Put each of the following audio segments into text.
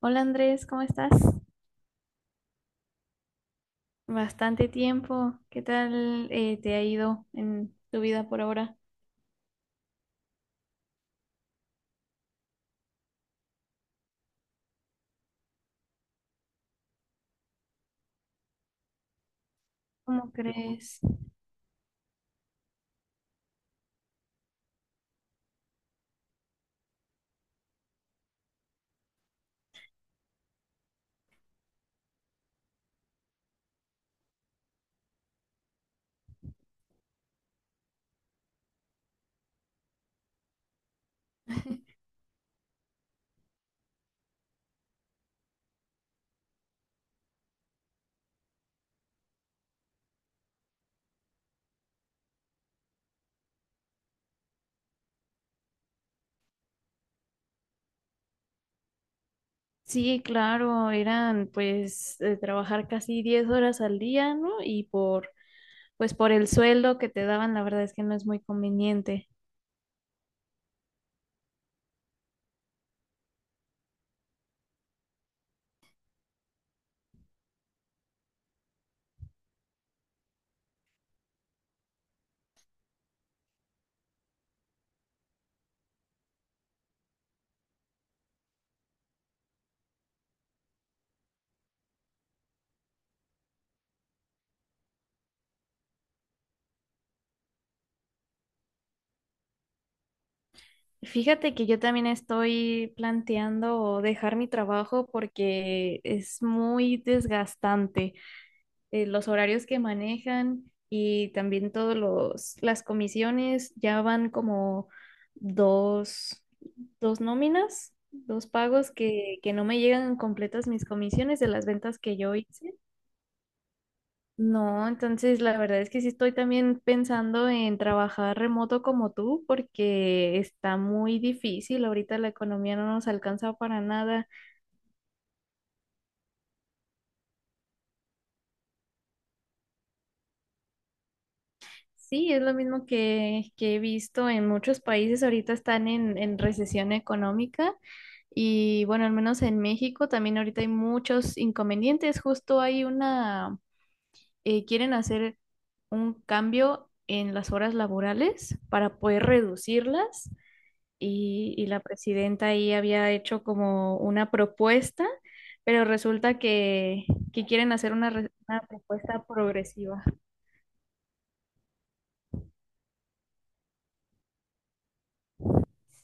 Hola Andrés, ¿cómo estás? Bastante tiempo. ¿Qué tal te ha ido en tu vida por ahora? ¿Cómo crees? Sí, claro, eran pues trabajar casi 10 horas al día, ¿no? Y por el sueldo que te daban, la verdad es que no es muy conveniente. Fíjate que yo también estoy planteando dejar mi trabajo porque es muy desgastante. Los horarios que manejan y también las comisiones ya van como dos, dos nóminas, dos pagos que no me llegan completas mis comisiones de las ventas que yo hice. No, entonces la verdad es que sí estoy también pensando en trabajar remoto como tú, porque está muy difícil. Ahorita la economía no nos alcanza para nada. Sí, es lo mismo que he visto en muchos países. Ahorita están en recesión económica y bueno, al menos en México también ahorita hay muchos inconvenientes. Justo hay una, quieren hacer un cambio en las horas laborales para poder reducirlas y la presidenta ahí había hecho como una propuesta, pero resulta que quieren hacer una propuesta progresiva.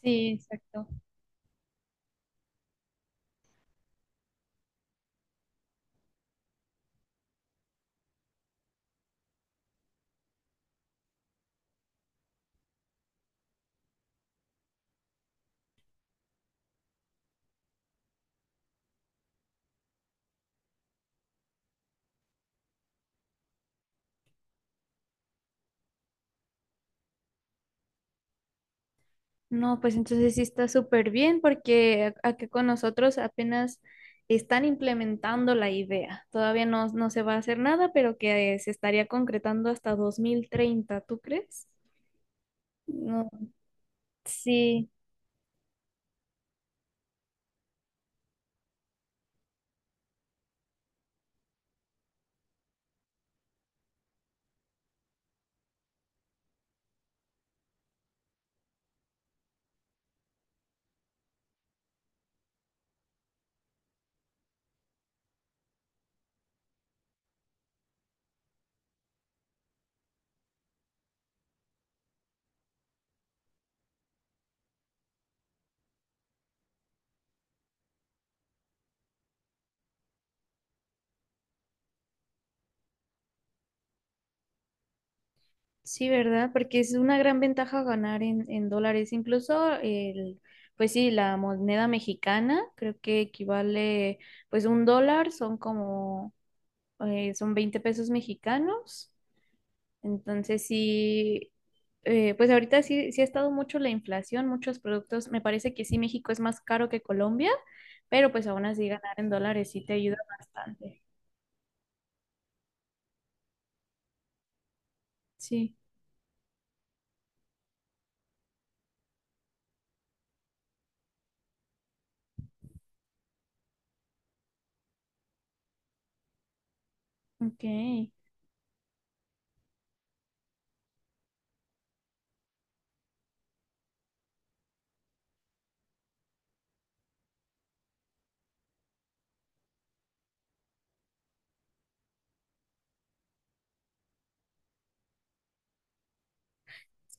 Sí, exacto. No, pues entonces sí está súper bien porque acá con nosotros apenas están implementando la idea. Todavía no se va a hacer nada, pero que se estaría concretando hasta 2030, ¿tú crees? No, sí, sí, ¿verdad? Porque es una gran ventaja ganar en dólares. Incluso el, pues sí, la moneda mexicana creo que equivale, pues un dólar son como, son 20 pesos mexicanos. Entonces sí, pues ahorita sí, sí ha estado mucho la inflación, muchos productos. Me parece que sí, México es más caro que Colombia, pero pues aún así ganar en dólares sí te ayuda bastante. Sí, ok.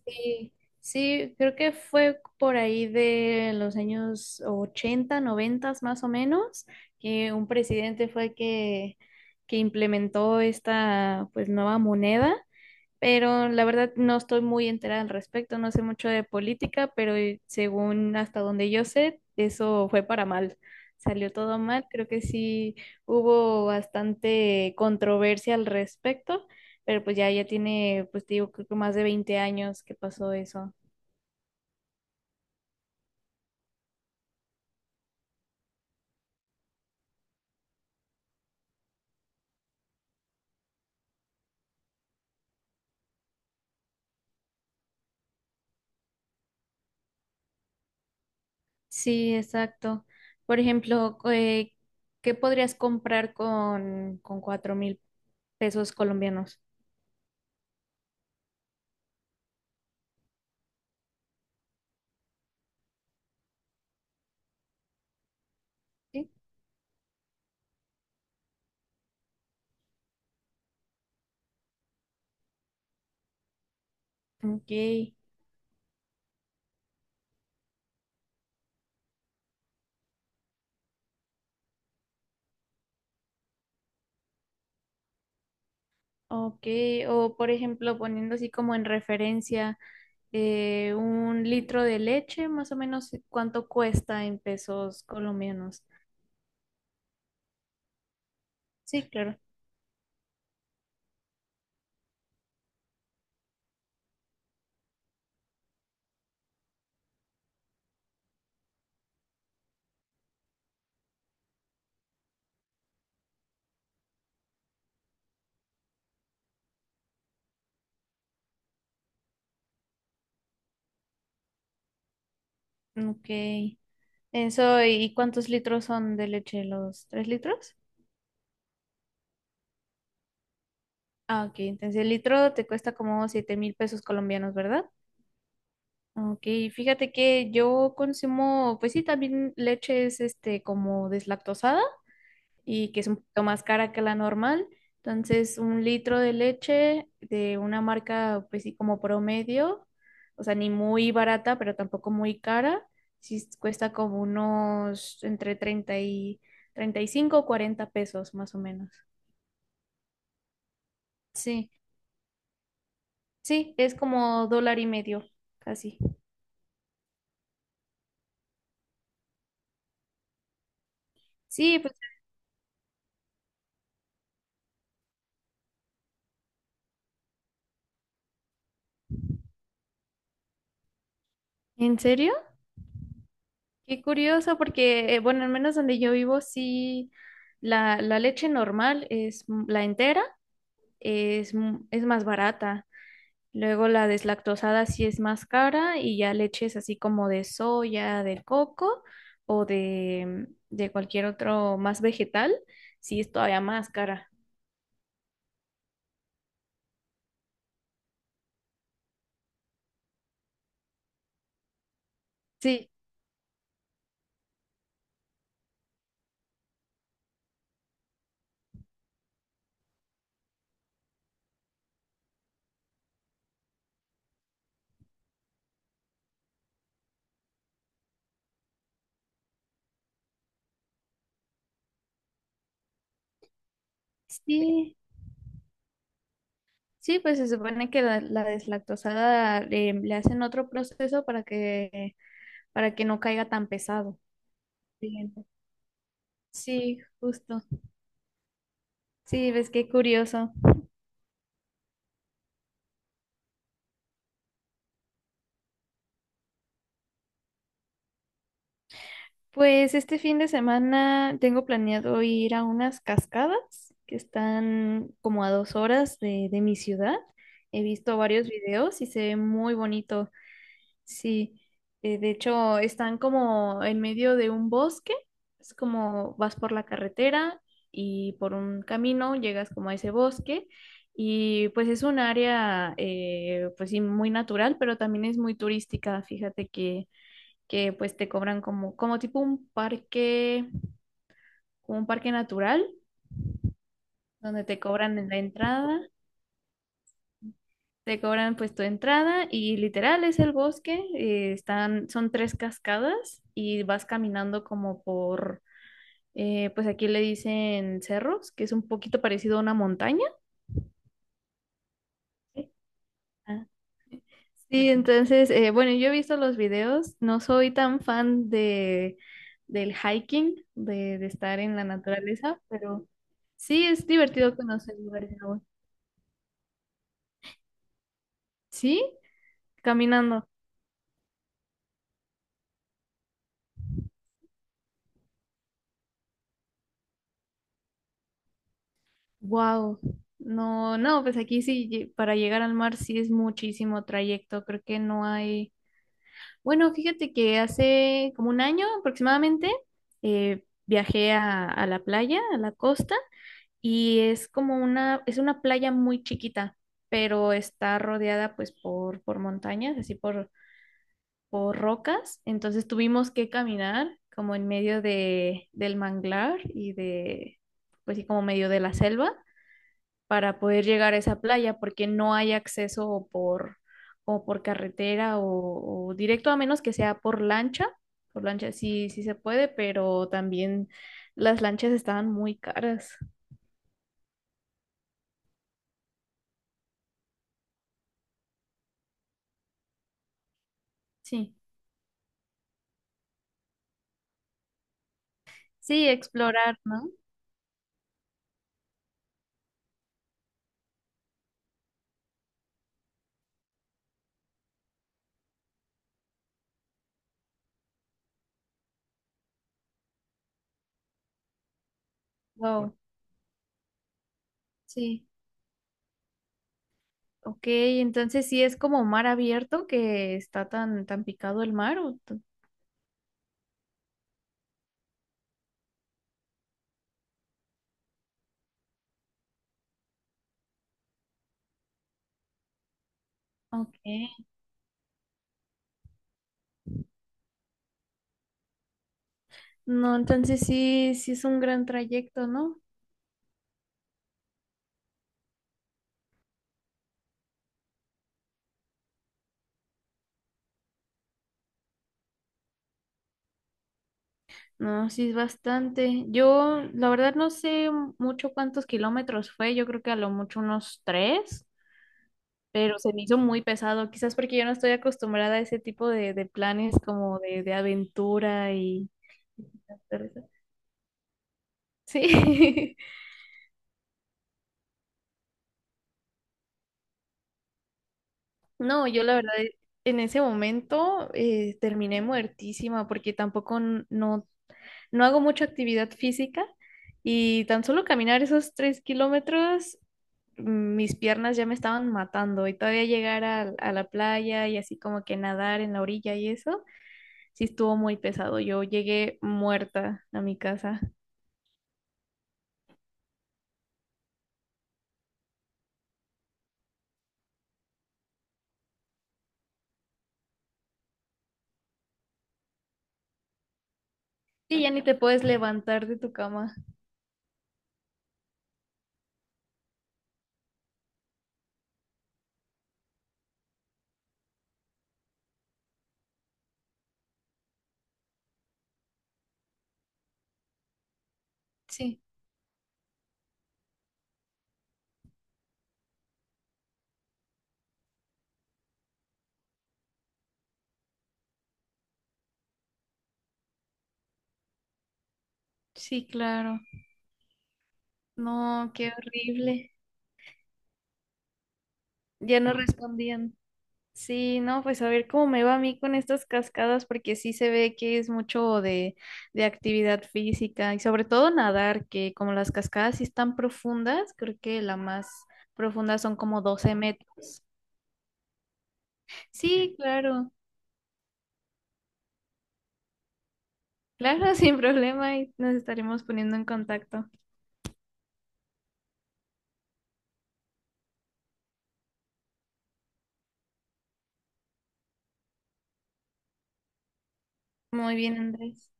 Sí, sí, creo que fue por ahí de los años ochenta, 90 más o menos, que un presidente fue que implementó esta pues nueva moneda, pero la verdad no estoy muy enterada al respecto, no sé mucho de política, pero según hasta donde yo sé, eso fue para mal. Salió todo mal, creo que sí hubo bastante controversia al respecto, pero pues ya, ya tiene, pues te digo, creo que más de 20 años que pasó eso. Sí, exacto. Por ejemplo, ¿qué podrías comprar con 4000 pesos colombianos? Sí. Ok. Ok, o por ejemplo, poniendo así como en referencia un litro de leche, más o menos cuánto cuesta en pesos colombianos. Sí, claro. Ok. Eso, ¿y cuántos litros son de leche? ¿Los tres litros? Ah, ok. Entonces el litro te cuesta como 7000 pesos colombianos, ¿verdad? Ok, fíjate que yo consumo, pues sí, también leches este como deslactosada, y que es un poquito más cara que la normal. Entonces, un litro de leche de una marca, pues sí, como promedio, o sea, ni muy barata, pero tampoco muy cara, sí cuesta como unos entre 30 y 35 o 40 pesos más o menos. Sí, sí, es como dólar y medio, casi. Sí, pues, ¿en serio? Qué curioso, porque, bueno, al menos donde yo vivo, sí, la leche normal la entera es, es más barata. Luego la deslactosada sí es más cara y ya leches así como de soya, de coco o de, mm, de cualquier otro más vegetal, sí es todavía más cara. Sí. Sí, sí, pues se supone que la deslactosada le hacen otro proceso para que no caiga tan pesado. Bien. Sí, justo. Sí, ves qué curioso. Pues este fin de semana tengo planeado ir a unas cascadas que están como a 2 horas de mi ciudad. He visto varios videos y se ve muy bonito. Sí, de hecho están como en medio de un bosque. Es como vas por la carretera y por un camino llegas como a ese bosque y pues es un área pues sí muy natural, pero también es muy turística. Fíjate que pues te cobran como, como tipo un parque, como un parque natural, donde te cobran en la entrada, te cobran pues tu entrada y literal es el bosque, están, son tres cascadas y vas caminando como pues aquí le dicen cerros, que es un poquito parecido a una montaña. Ah, sí, entonces, bueno, yo he visto los videos, no soy tan fan de del hiking, de estar en la naturaleza, pero sí es divertido conocer lugares nuevos. Sí, caminando. Wow. No, no, pues aquí sí, para llegar al mar sí es muchísimo trayecto, creo que no hay. Bueno, fíjate que hace como 1 año aproximadamente viajé a la playa, a la costa, y es como una, es una playa muy chiquita, pero está rodeada pues por montañas, por rocas, entonces tuvimos que caminar como en medio del manglar y de, pues sí, como medio de la selva para poder llegar a esa playa porque no hay acceso o por carretera o directo a menos que sea por lancha sí, sí se puede, pero también las lanchas estaban muy caras. Sí. Sí, explorar, ¿no? Wow, sí. Ok, entonces sí es como mar abierto que está tan picado el mar. ¿O t- ok. No, entonces sí, sí es un gran trayecto, ¿no? No, sí es bastante. Yo, la verdad, no sé mucho cuántos kilómetros fue. Yo creo que a lo mucho unos tres, pero se me hizo muy pesado, quizás porque yo no estoy acostumbrada a ese tipo de planes como de aventura y... Sí. No, yo la verdad en ese momento terminé muertísima porque tampoco no hago mucha actividad física y tan solo caminar esos 3 km, mm, mis piernas ya me estaban matando y todavía llegar a la playa y así como que nadar en la orilla y eso, sí estuvo muy pesado. Yo llegué muerta a mi casa. Sí, ya ni te puedes levantar de tu cama. Sí, sí, claro. No, qué horrible. Ya no respondían. Sí, no, pues a ver cómo me va a mí con estas cascadas, porque sí se ve que es mucho de actividad física y sobre todo nadar, que como las cascadas sí están profundas, creo que la más profunda son como 12 metros. Sí, claro, claro, sin problema y nos estaremos poniendo en contacto. Muy bien, Andrés.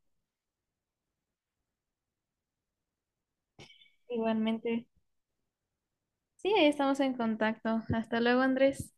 Igualmente. Sí, ahí estamos en contacto. Hasta luego, Andrés.